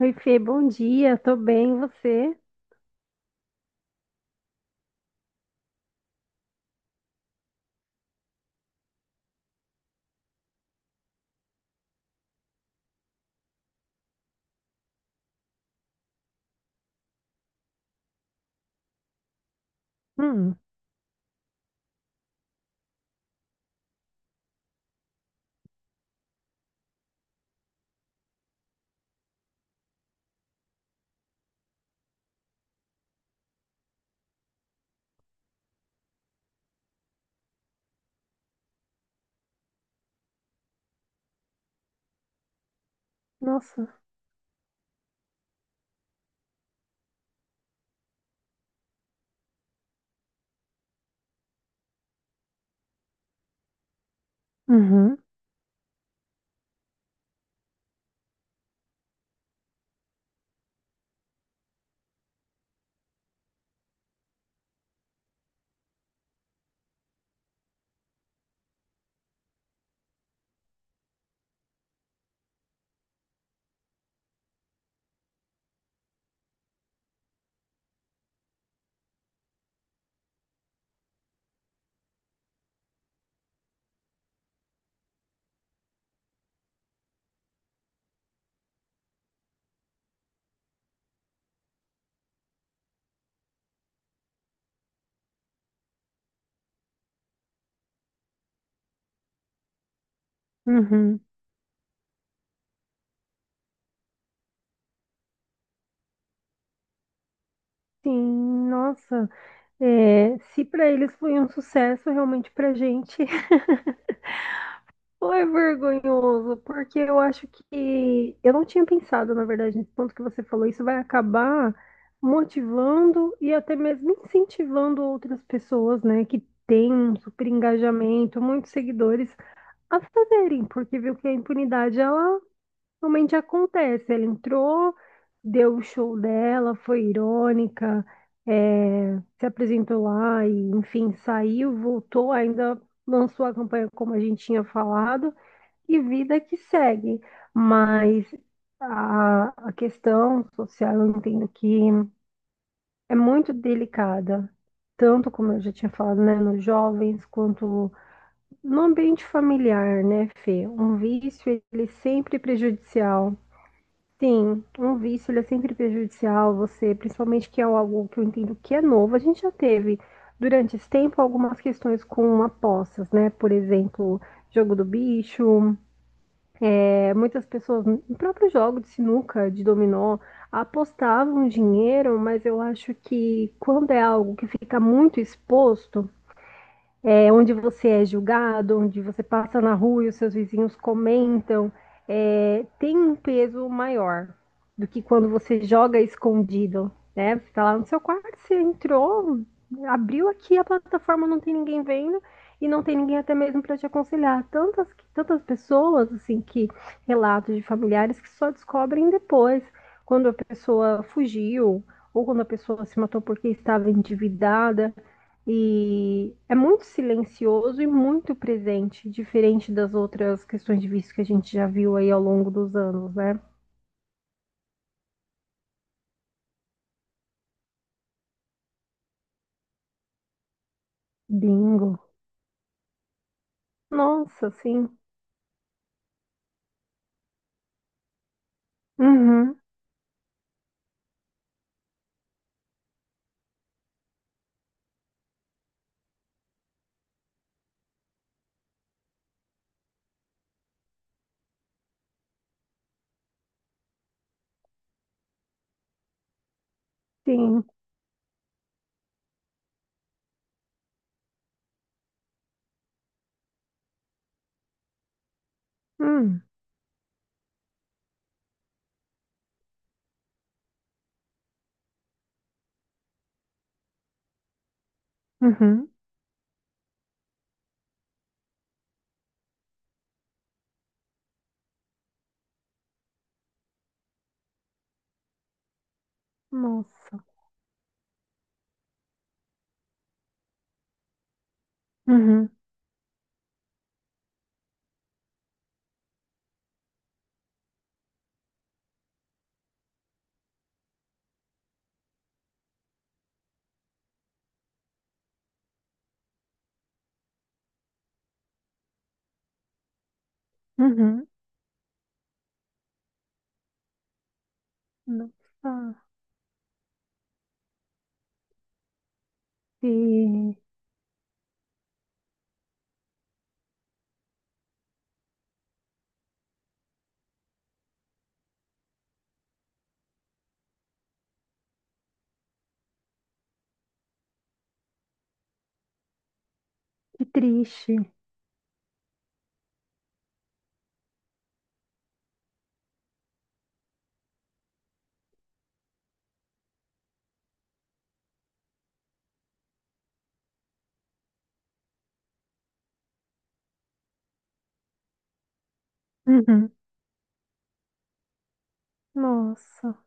Oi, Fê, bom dia, tô bem, e você? Hum, nossa. Uhum, uhum. Sim, nossa, é, se para eles foi um sucesso, realmente pra gente foi vergonhoso, porque eu acho que eu não tinha pensado, na verdade, nesse ponto que você falou, isso vai acabar motivando e até mesmo incentivando outras pessoas, né, que têm um super engajamento, muitos seguidores, a fazerem, porque viu que a impunidade, ela realmente acontece. Ela entrou, deu o show dela, foi irônica, se apresentou lá e, enfim, saiu, voltou, ainda lançou a campanha como a gente tinha falado, e vida que segue. Mas a questão social, eu entendo que é muito delicada. Tanto como eu já tinha falado, né, nos jovens, quanto no ambiente familiar, né, Fê? Um vício, ele é sempre prejudicial. Sim, um vício ele é sempre prejudicial a você, principalmente que é algo que eu entendo que é novo. A gente já teve durante esse tempo algumas questões com apostas, né? Por exemplo, jogo do bicho, é, muitas pessoas, no próprio jogo de sinuca, de dominó, apostavam dinheiro, mas eu acho que quando é algo que fica muito exposto, é, onde você é julgado, onde você passa na rua e os seus vizinhos comentam, é, tem um peso maior do que quando você joga escondido, né? Você tá lá no seu quarto, você entrou, abriu aqui a plataforma, não tem ninguém vendo e não tem ninguém até mesmo para te aconselhar. Tantas pessoas, assim, que relatos de familiares que só descobrem depois, quando a pessoa fugiu ou quando a pessoa se matou porque estava endividada. E é muito silencioso e muito presente, diferente das outras questões de vício que a gente já viu aí ao longo dos anos, né? Bingo. Nossa, sim. Uhum, sim. Hum, uhum. Nossa. Uhum, uhum. Nossa. Que, que triste. Uhum. Nossa.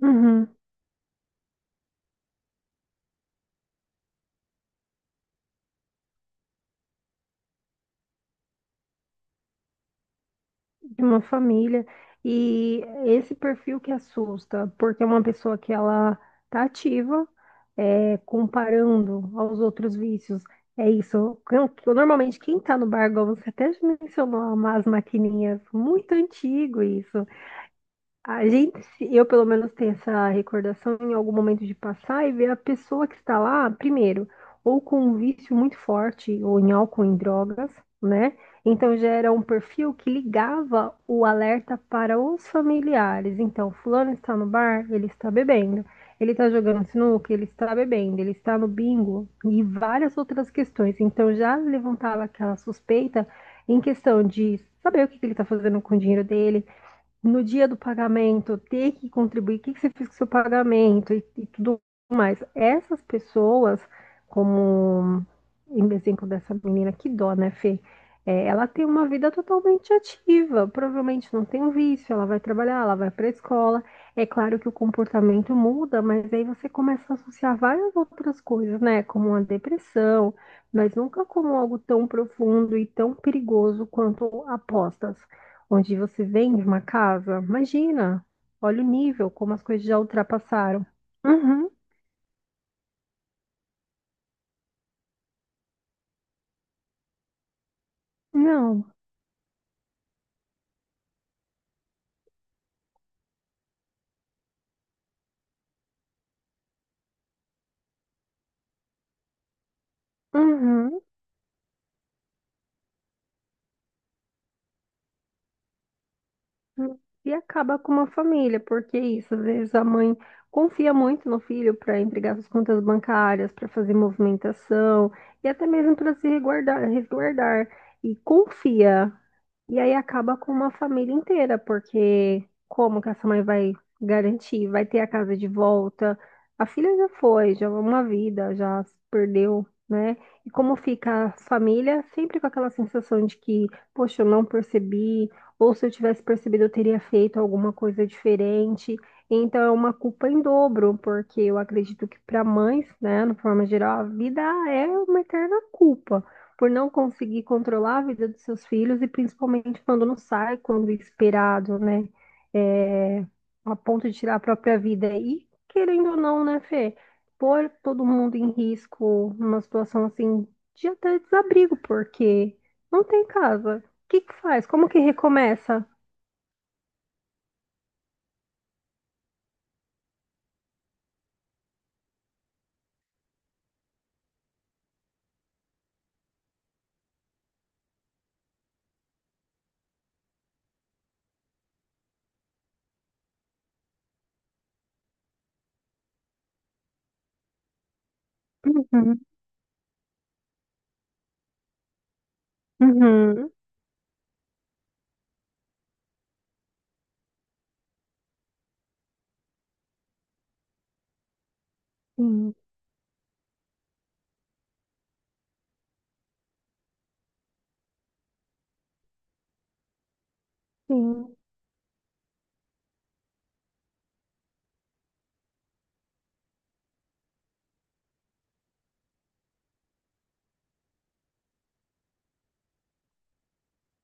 Uhum. De uma família. E esse perfil que assusta, porque é uma pessoa que ela tá ativa, é, comparando aos outros vícios. É isso. Normalmente, quem tá no bar, igual você até mencionou, umas maquininhas, muito antigo isso. A gente, eu pelo menos tenho essa recordação em algum momento de passar e ver a pessoa que está lá, primeiro, ou com um vício muito forte, ou em álcool, em drogas, né? Então já era um perfil que ligava o alerta para os familiares. Então, fulano está no bar, ele está bebendo. Ele está jogando sinuca, ele está bebendo, ele está no bingo e várias outras questões. Então já levantava aquela suspeita em questão de saber o que que ele está fazendo com o dinheiro dele no dia do pagamento ter que contribuir, que você fez com o seu pagamento e tudo mais. Essas pessoas, como em exemplo dessa menina, que dó, né, Fê? É, ela tem uma vida totalmente ativa, provavelmente não tem um vício, ela vai trabalhar, ela vai para a escola. É claro que o comportamento muda, mas aí você começa a associar várias outras coisas, né? Como a depressão, mas nunca como algo tão profundo e tão perigoso quanto apostas onde você vende uma casa. Imagina, olha o nível, como as coisas já ultrapassaram. Uhum, não, uhum. Uhum. E acaba com uma família, porque é isso, às vezes a mãe confia muito no filho para entregar suas contas bancárias, para fazer movimentação e até mesmo para se resguardar, resguardar. E confia. E aí acaba com uma família inteira, porque como que essa mãe vai garantir? Vai ter a casa de volta? A filha já foi, já é uma vida, já se perdeu, né? E como fica a família sempre com aquela sensação de que, poxa, eu não percebi, ou se eu tivesse percebido, eu teria feito alguma coisa diferente. Então é uma culpa em dobro, porque eu acredito que para mães, né, no forma geral, a vida é uma eterna culpa por não conseguir controlar a vida dos seus filhos e principalmente quando não sai quando é esperado, né? É, a ponto de tirar a própria vida. E querendo ou não, né, Fê? Pôr todo mundo em risco numa situação assim de até desabrigo, porque não tem casa. O que que faz? Como que recomeça? Uhum, uhum. Sim, sim.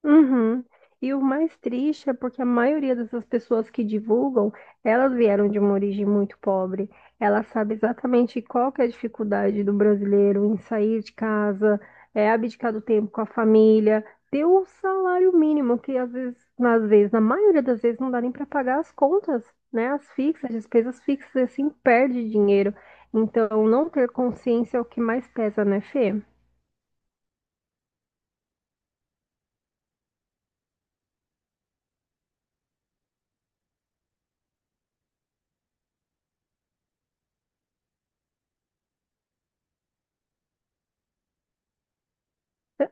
Uhum. E o mais triste é porque a maioria dessas pessoas que divulgam, elas vieram de uma origem muito pobre. Ela sabe exatamente qual que é a dificuldade do brasileiro em sair de casa, é, abdicar do tempo com a família, ter o salário mínimo, que às vezes, na maioria das vezes, não dá nem para pagar as contas, né? As fixas, as despesas fixas, e assim, perde dinheiro. Então, não ter consciência é o que mais pesa, né, Fê?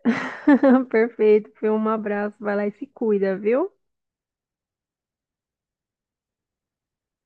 Perfeito, Fê. Um abraço, vai lá e se cuida, viu?